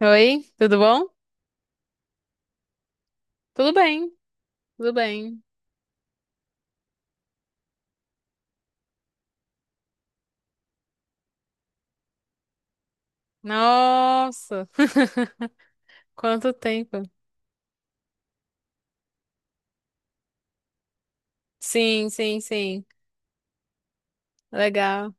Oi, tudo bom? Tudo bem, tudo bem. Nossa, quanto tempo. Sim, sim, sim. Legal.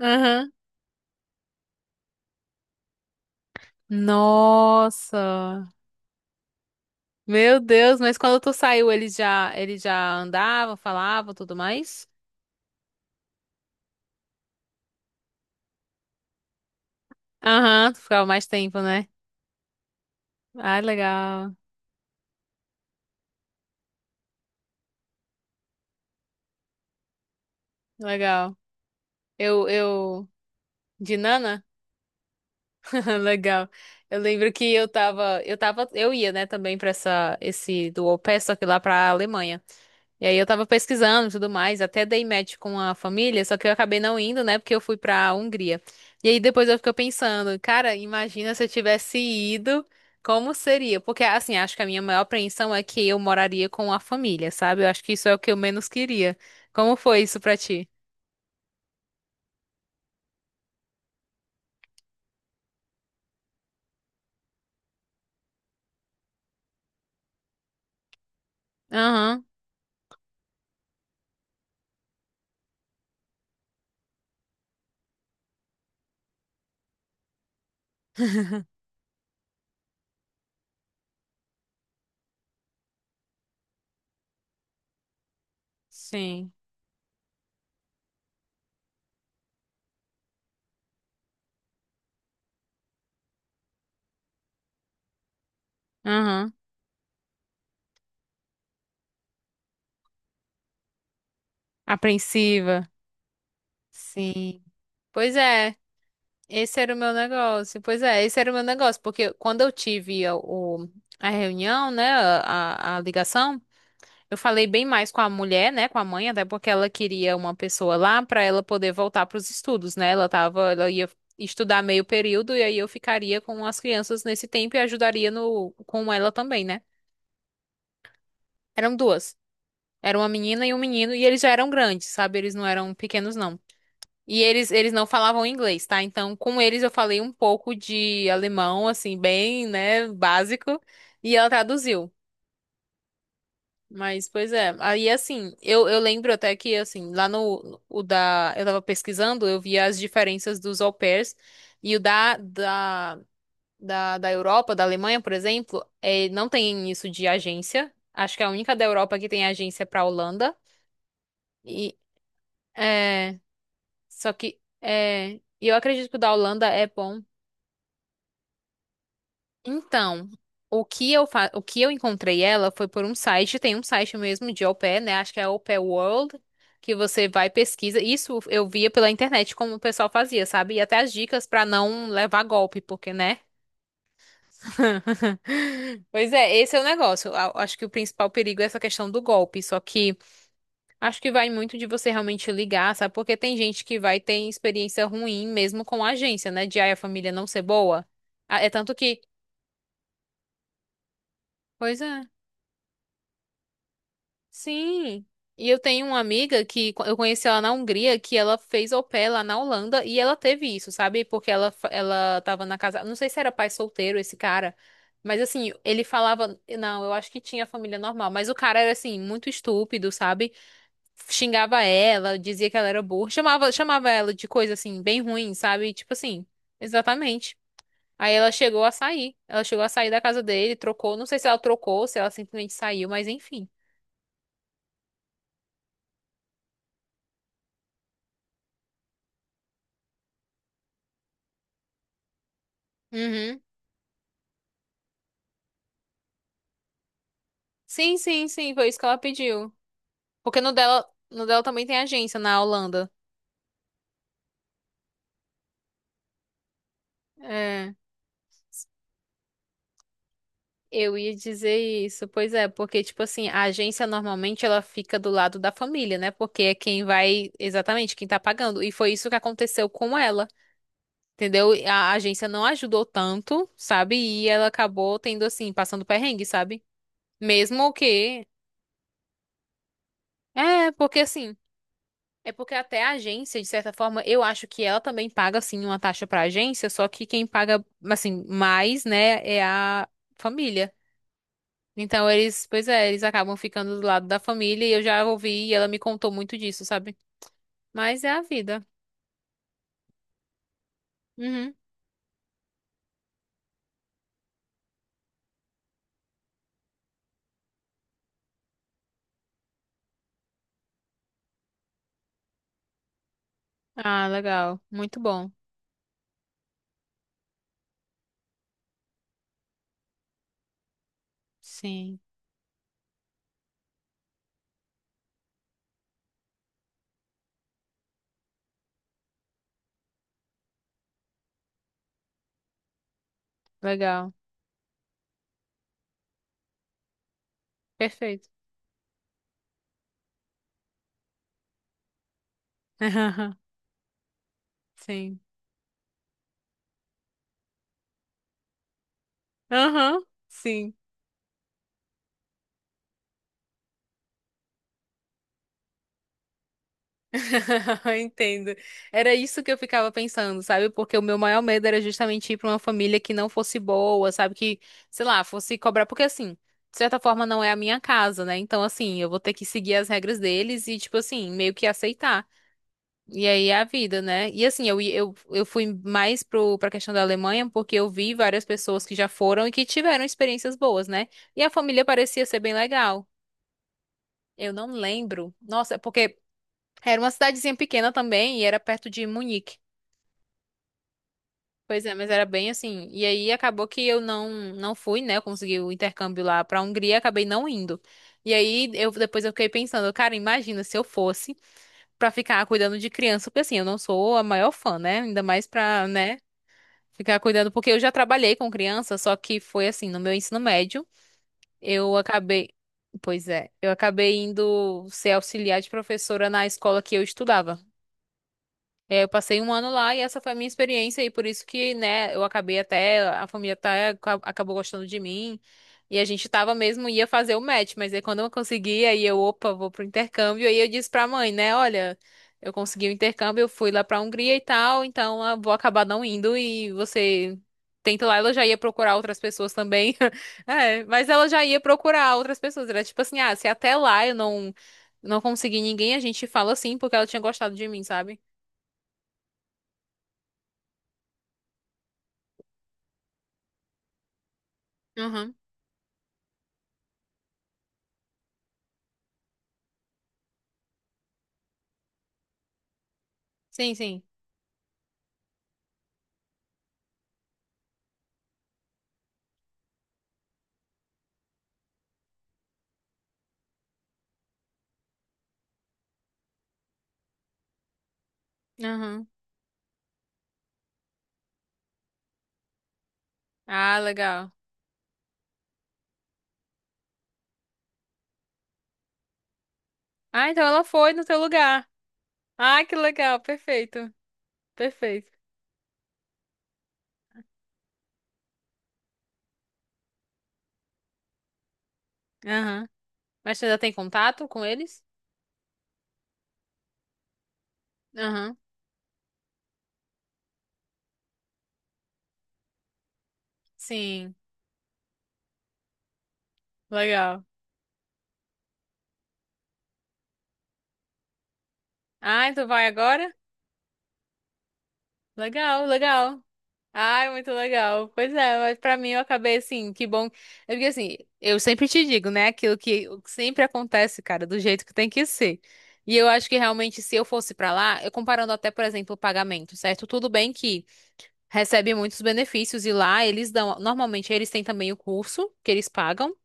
Aham. Nossa, meu Deus, mas quando tu saiu, ele já andava, falava, tudo mais? Aham, tu ficava mais tempo, né? Ah, legal, legal. Eu, eu, de Nana? Legal. Eu lembro que eu ia, né, também pra esse do au pair, só que lá pra Alemanha. E aí eu tava pesquisando e tudo mais, até dei match com a família, só que eu acabei não indo, né? Porque eu fui pra Hungria. E aí depois eu fiquei pensando, cara, imagina se eu tivesse ido, como seria? Porque assim, acho que a minha maior apreensão é que eu moraria com a família, sabe? Eu acho que isso é o que eu menos queria. Como foi isso pra ti? Aham, sim. Aham. Apreensiva. Sim. Pois é. Esse era o meu negócio. Pois é, esse era o meu negócio, porque quando eu tive a reunião, né, a ligação, eu falei bem mais com a mulher, né, com a mãe, até porque ela queria uma pessoa lá para ela poder voltar para os estudos, né? Ela ia estudar meio período e aí eu ficaria com as crianças nesse tempo e ajudaria no com ela também, né? Eram duas. Era uma menina e um menino e eles já eram grandes, sabe? Eles não eram pequenos, não. E eles não falavam inglês, tá? Então, com eles eu falei um pouco de alemão, assim, bem, né, básico, e ela traduziu. Mas, pois é. Aí, assim, eu lembro até que, assim, lá no, o da, eu tava pesquisando, eu via as diferenças dos au pairs, e o da Europa, da Alemanha, por exemplo, é, não tem isso de agência. Acho que é a única da Europa que tem agência pra Holanda. E, é, só que, eu acredito que o da Holanda é bom. Então, o que eu encontrei ela foi por um site, tem um site mesmo de au pair, né? Acho que é au pair World, que você vai e pesquisa. Isso eu via pela internet como o pessoal fazia, sabe? E até as dicas pra não levar golpe, porque, né? Pois é, esse é o negócio. Acho que o principal perigo é essa questão do golpe. Só que acho que vai muito de você realmente ligar, sabe? Porque tem gente que vai ter experiência ruim mesmo com a agência, né? De aí a família não ser boa. Ah, é tanto que. Pois é. Sim. E eu tenho uma amiga que eu conheci ela na Hungria, que ela fez au pair lá na Holanda e ela teve isso, sabe? Porque ela tava na casa. Não sei se era pai solteiro esse cara, mas assim, ele falava. Não, eu acho que tinha família normal, mas o cara era assim, muito estúpido, sabe? Xingava ela, dizia que ela era burra, chamava ela de coisa assim, bem ruim, sabe? Tipo assim, exatamente. Aí ela chegou a sair. Ela chegou a sair da casa dele, trocou. Não sei se ela trocou, se ela simplesmente saiu, mas enfim. Uhum. Sim, sim, sim, foi isso que ela pediu. Porque no dela também tem agência na Holanda. É, eu ia dizer isso. Pois é, porque tipo assim, a agência normalmente ela fica do lado da família, né? Porque é quem vai, exatamente, quem tá pagando. E foi isso que aconteceu com ela. Entendeu? A agência não ajudou tanto, sabe? E ela acabou tendo assim, passando perrengue, sabe? Mesmo que é, porque assim, é porque até a agência, de certa forma, eu acho que ela também paga, assim, uma taxa pra agência, só que quem paga, assim, mais, né, é a família. Então eles, pois é, eles acabam ficando do lado da família e eu já ouvi e ela me contou muito disso, sabe? Mas é a vida. Uhum. Ah, legal. Muito bom. Sim. Legal. Perfeito. Sim. Aham. Sim. Entendo. Era isso que eu ficava pensando, sabe? Porque o meu maior medo era justamente ir para uma família que não fosse boa, sabe? Que, sei lá, fosse cobrar. Porque, assim, de certa forma não é a minha casa, né? Então, assim, eu vou ter que seguir as regras deles e, tipo assim, meio que aceitar. E aí é a vida, né? E, assim, eu fui mais pra questão da Alemanha porque eu vi várias pessoas que já foram e que tiveram experiências boas, né? E a família parecia ser bem legal. Eu não lembro. Nossa, é porque. Era uma cidadezinha pequena também e era perto de Munique. Pois é, mas era bem assim. E aí acabou que eu não fui, né? Eu consegui o intercâmbio lá pra Hungria, acabei não indo. E aí eu depois eu fiquei pensando, cara, imagina se eu fosse pra ficar cuidando de criança, porque assim, eu não sou a maior fã, né? Ainda mais pra, né, ficar cuidando, porque eu já trabalhei com criança, só que foi assim, no meu ensino médio, eu acabei, pois é, eu acabei indo ser auxiliar de professora na escola que eu estudava. É, eu passei um ano lá e essa foi a minha experiência e por isso que, né, eu acabei até, a família até acabou gostando de mim e a gente tava mesmo, ia fazer o match, mas aí quando eu consegui, aí eu, opa, vou pro intercâmbio, aí eu disse pra mãe, né, olha, eu consegui o intercâmbio, eu fui lá pra Hungria e tal, então vou acabar não indo e você tenta lá, ela já ia procurar outras pessoas também, é, mas ela já ia procurar outras pessoas, era tipo assim, ah, se até lá eu não conseguir ninguém, a gente fala assim porque ela tinha gostado de mim, sabe? Sim, sim. Aham. Ah, legal. Ah, então ela foi no teu lugar. Ah, que legal. Perfeito. Perfeito. Aham. Mas você já tem contato com eles? Aham. Sim. Legal. Ah, tu vai agora? Legal, legal. Ai, muito legal. Pois é, mas pra mim eu acabei assim, que bom. É, porque assim, eu sempre te digo, né? Aquilo que o que sempre acontece, cara, do jeito que tem que ser. E eu acho que realmente se eu fosse pra lá, eu comparando até, por exemplo, o pagamento, certo? Tudo bem que recebe muitos benefícios e lá eles dão, normalmente eles têm também o curso que eles pagam,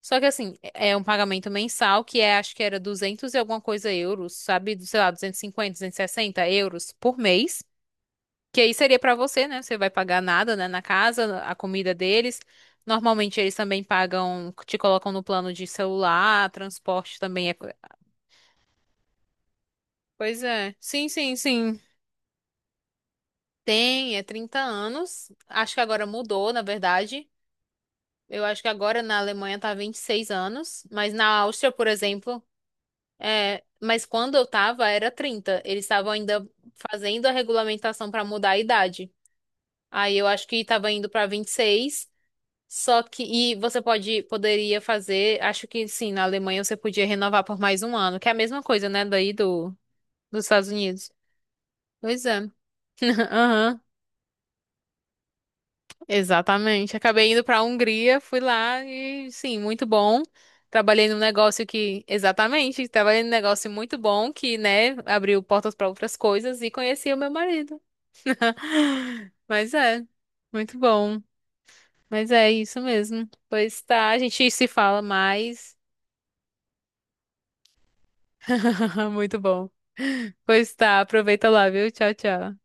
só que assim, é um pagamento mensal que é, acho que era 200 e alguma coisa euros, sabe, sei lá, 200 250 260 euros por mês, que aí seria pra você, né? Você vai pagar nada, né, na casa, a comida deles. Normalmente eles também pagam, te colocam no plano de celular, transporte também é. Pois é. Sim, sim, sim. Tem, é 30 anos. Acho que agora mudou, na verdade. Eu acho que agora na Alemanha tá 26 anos, mas na Áustria, por exemplo, é, mas quando eu tava era 30. Eles estavam ainda fazendo a regulamentação pra mudar a idade. Aí eu acho que tava indo pra 26. Só que e você poderia fazer, acho que sim, na Alemanha você podia renovar por mais um ano, que é a mesma coisa, né, daí do dos Estados Unidos. Pois é. Aham. Exatamente. Acabei indo para a Hungria, fui lá e sim, muito bom. Trabalhei num negócio que, exatamente, trabalhei num negócio muito bom que, né, abriu portas para outras coisas e conheci o meu marido. Mas é, muito bom. Mas é isso mesmo. Pois tá, a gente se fala mais. Muito bom. Pois tá, aproveita lá, viu? Tchau, tchau.